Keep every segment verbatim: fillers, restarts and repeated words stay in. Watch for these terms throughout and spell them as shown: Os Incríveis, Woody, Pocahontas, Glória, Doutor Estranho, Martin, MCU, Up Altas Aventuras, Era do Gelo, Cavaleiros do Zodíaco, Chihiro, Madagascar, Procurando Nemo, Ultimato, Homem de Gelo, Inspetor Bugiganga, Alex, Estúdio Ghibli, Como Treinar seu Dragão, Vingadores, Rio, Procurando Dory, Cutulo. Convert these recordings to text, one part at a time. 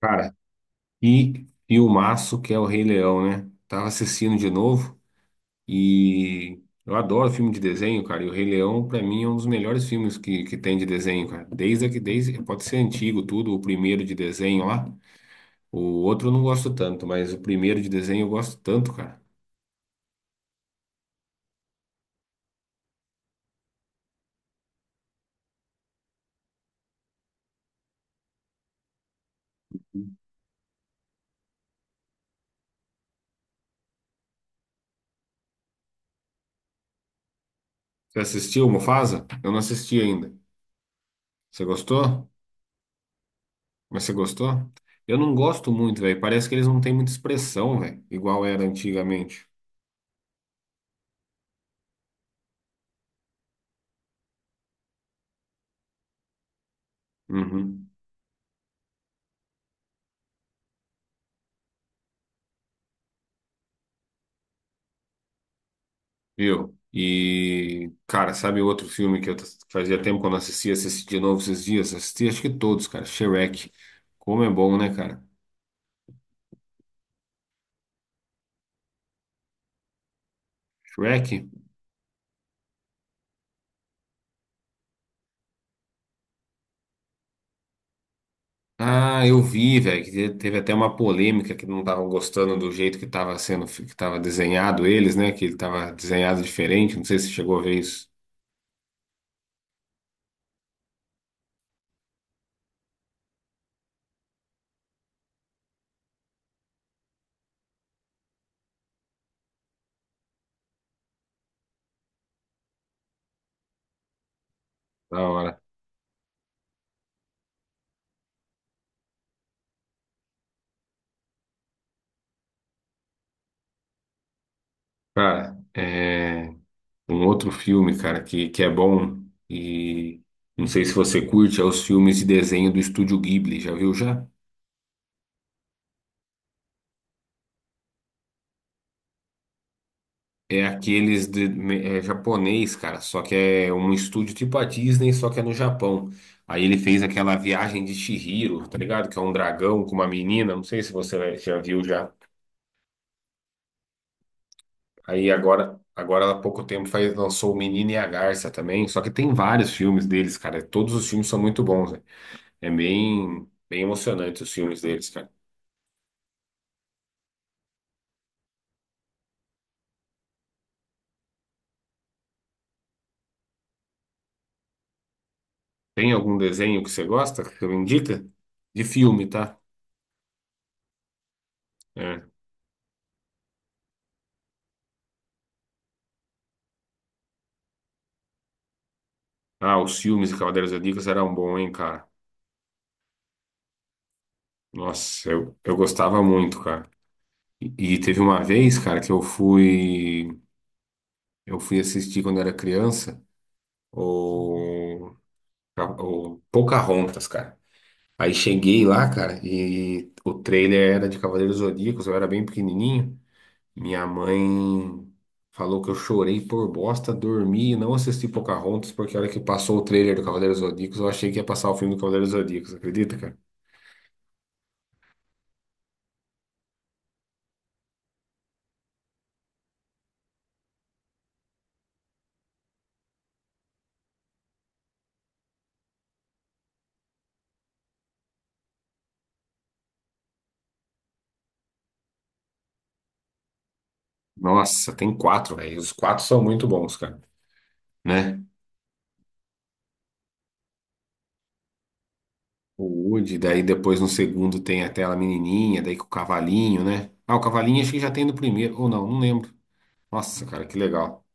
Cara, e filmaço que é o Rei Leão, né? Tava assistindo de novo e eu adoro filme de desenho, cara. E o Rei Leão, pra mim, é um dos melhores filmes que, que tem de desenho, cara. Desde que desde pode ser antigo tudo, o primeiro de desenho lá. O outro eu não gosto tanto, mas o primeiro de desenho eu gosto tanto, cara. Você assistiu o Mufasa? Eu não assisti ainda. Você gostou? Mas você gostou? Eu não gosto muito, velho. Parece que eles não têm muita expressão, velho, igual era antigamente. Uhum. Viu? E, cara, sabe outro filme que eu t- fazia tempo que eu não assistia, assisti de novo esses dias? Assisti acho que todos, cara. Shrek. Como é bom, né, cara? Shrek? Ah, eu vi, velho, que te- teve até uma polêmica que não estavam gostando do jeito que estava sendo, que estava desenhado eles, né? Que ele tava desenhado diferente. Não sei se chegou a ver isso. Da hora. Cara, é um outro filme, cara, que, que é bom e não sei se você curte, é os filmes de desenho do Estúdio Ghibli. Já viu já? É aqueles de, é japonês, cara, só que é um estúdio tipo a Disney, só que é no Japão. Aí ele fez aquela viagem de Chihiro, tá ligado? Que é um dragão com uma menina, não sei se você já viu já. Aí agora, agora há pouco tempo faz, lançou O Menino e a Garça também, só que tem vários filmes deles, cara. Todos os filmes são muito bons, né? É bem, bem emocionante os filmes deles, cara. Tem algum desenho que você gosta, que você me indica? De filme, tá? É. Ah, os filmes de Cavaleiros do Zodíaco eram bons, hein, cara? Nossa, eu, eu gostava muito, cara. E, e teve uma vez, cara, que eu fui eu fui assistir quando era criança o, a- o Pocahontas, cara. Aí cheguei lá, cara, e o trailer era de Cavaleiros Zodíacos, eu era bem pequenininho. Minha mãe falou que eu chorei por bosta, dormi e não assisti Pocahontas, porque a hora que passou o trailer do Cavaleiros Zodíacos, eu achei que ia passar o filme do Cavaleiros Zodíacos, acredita, cara? Nossa, tem quatro, velho. Os quatro são muito bons, cara, né? O Woody, daí depois no segundo tem até a menininha, daí com o cavalinho, né? Ah, o cavalinho acho que já tem no primeiro, ou não, não lembro. Nossa, cara, que legal.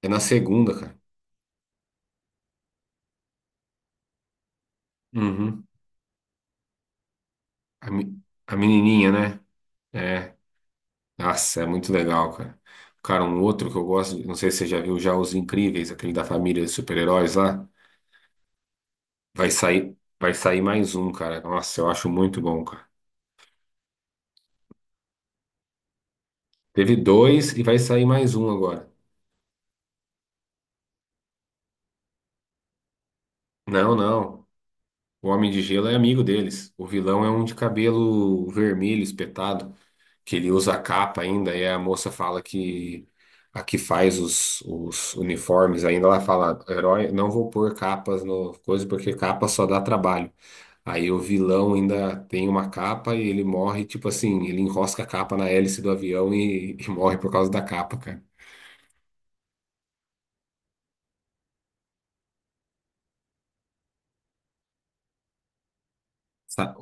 É na segunda, cara. Uhum. A, me- a menininha, né? É. Nossa, é muito legal, cara. Cara, um outro que eu gosto, não sei se você já viu já Os Incríveis, aquele da família de super-heróis lá. Vai sair, vai sair mais um, cara. Nossa, eu acho muito bom, cara. Teve dois e vai sair mais um agora. Não, não. O Homem de Gelo é amigo deles. O vilão é um de cabelo vermelho espetado, que ele usa a capa ainda, e a moça fala que a que faz os, os uniformes ainda, ela fala, herói, não vou pôr capas no coisa, porque capa só dá trabalho. Aí o vilão ainda tem uma capa e ele morre, tipo assim, ele enrosca a capa na hélice do avião e, e morre por causa da capa, cara. Sa-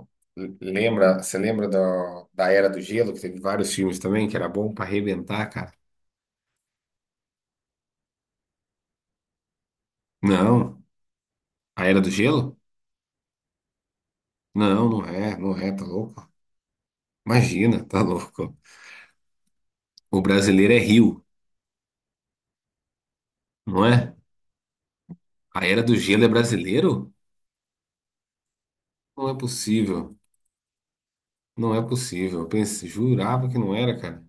Lembra, você lembra da da Era do Gelo, que teve vários filmes também, que era bom pra arrebentar, cara? Não. A Era do Gelo? Não, não é, não é, tá louco? Imagina, tá louco. O brasileiro é Rio, não é? A Era do Gelo é brasileiro? Não é possível, não é possível. Eu pensei, jurava que não era, cara.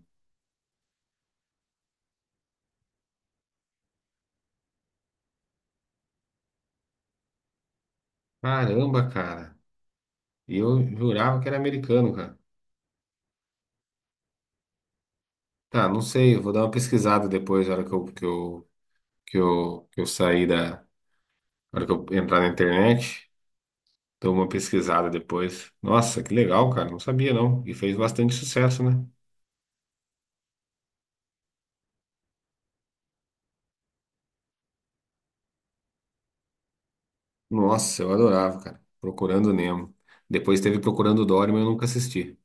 Caramba, cara. E eu jurava que era americano, cara. Tá, não sei, eu vou dar uma pesquisada depois, na hora que eu, que eu, que eu, que eu sair da. Na hora que eu entrar na internet, dou uma pesquisada depois. Nossa, que legal, cara. Não sabia, não. E fez bastante sucesso, né? Nossa, eu adorava, cara. Procurando Nemo. Depois teve Procurando Dory, mas eu nunca assisti.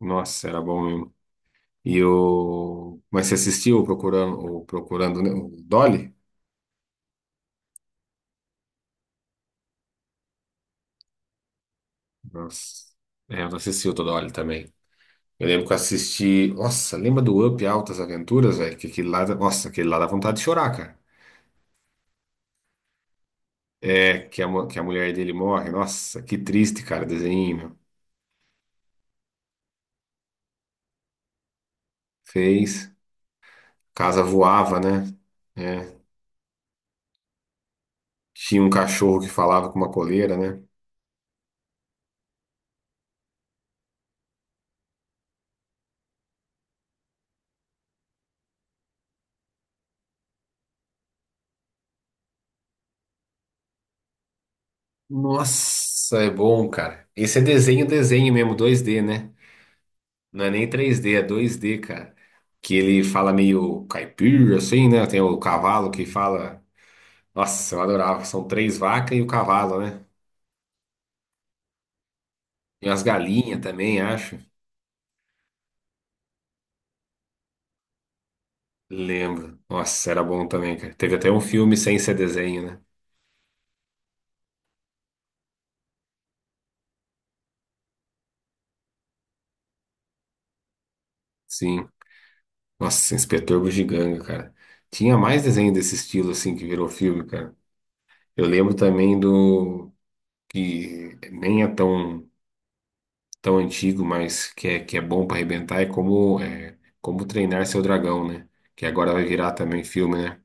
Nossa, era bom mesmo. E o... Mas você assistiu o Procurando, o Procurando Nemo? O Dolly? Nossa. É, eu não assisti o do Dolly também. Eu lembro que eu assisti... Nossa, lembra do Up Altas Aventuras, velho? Que aquele lá... dá- Nossa, aquele lá dá vontade de chorar, cara. É, que a, mu- que a mulher dele morre. Nossa, que triste, cara, o desenho, meu. Fez. Casa voava, né? É. Tinha um cachorro que falava com uma coleira, né? Nossa, é bom, cara. Esse é desenho, desenho mesmo, dois D, né? Não é nem três D, é dois D, cara. Que ele fala meio caipira, assim, né? Tem o cavalo que fala. Nossa, eu adorava. São três vacas e o cavalo, né? E as galinhas também, acho. Lembro. Nossa, era bom também, cara. Teve até um filme sem ser desenho, né? Sim. Nossa, Inspetor Bugiganga, cara. Tinha mais desenho desse estilo, assim, que virou filme, cara. Eu lembro também do. Que nem é tão. Tão antigo, mas que é, que é bom para arrebentar, é como, é, como treinar seu dragão, né? Que agora vai virar também filme, né?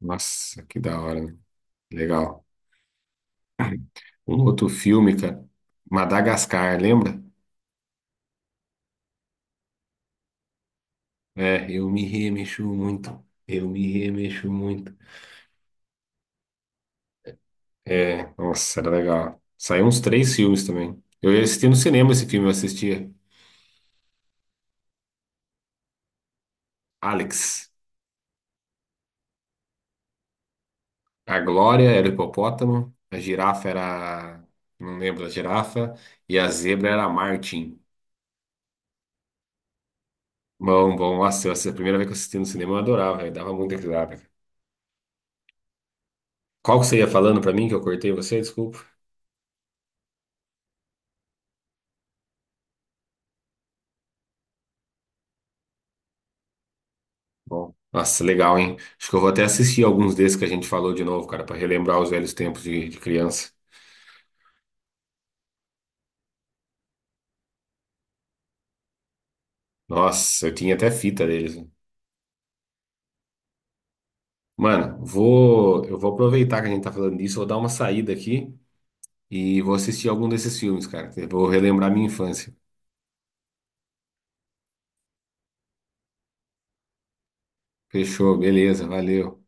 Nossa, que da hora, né? Legal. Um outro filme, cara, Madagascar, lembra? É, eu me remexo muito, eu me remexo muito. É, nossa, era legal. Saiu uns três filmes também. Eu ia assistir no cinema esse filme, eu assistia. Alex. A Glória era o hipopótamo, a girafa era. Não lembro da girafa, e a zebra era a Martin. Bom, bom. Nossa, essa é a primeira vez que eu assisti no cinema, eu adorava, velho. Dava muita risada. Qual que você ia falando pra mim que eu cortei você? Desculpa. Bom, nossa, legal, hein? Acho que eu vou até assistir alguns desses que a gente falou de novo, cara, pra relembrar os velhos tempos de, de criança. Nossa, eu tinha até fita deles, né? Mano, vou, eu vou aproveitar que a gente tá falando disso, vou dar uma saída aqui e vou assistir algum desses filmes, cara. Que vou relembrar minha infância. Fechou, beleza, valeu.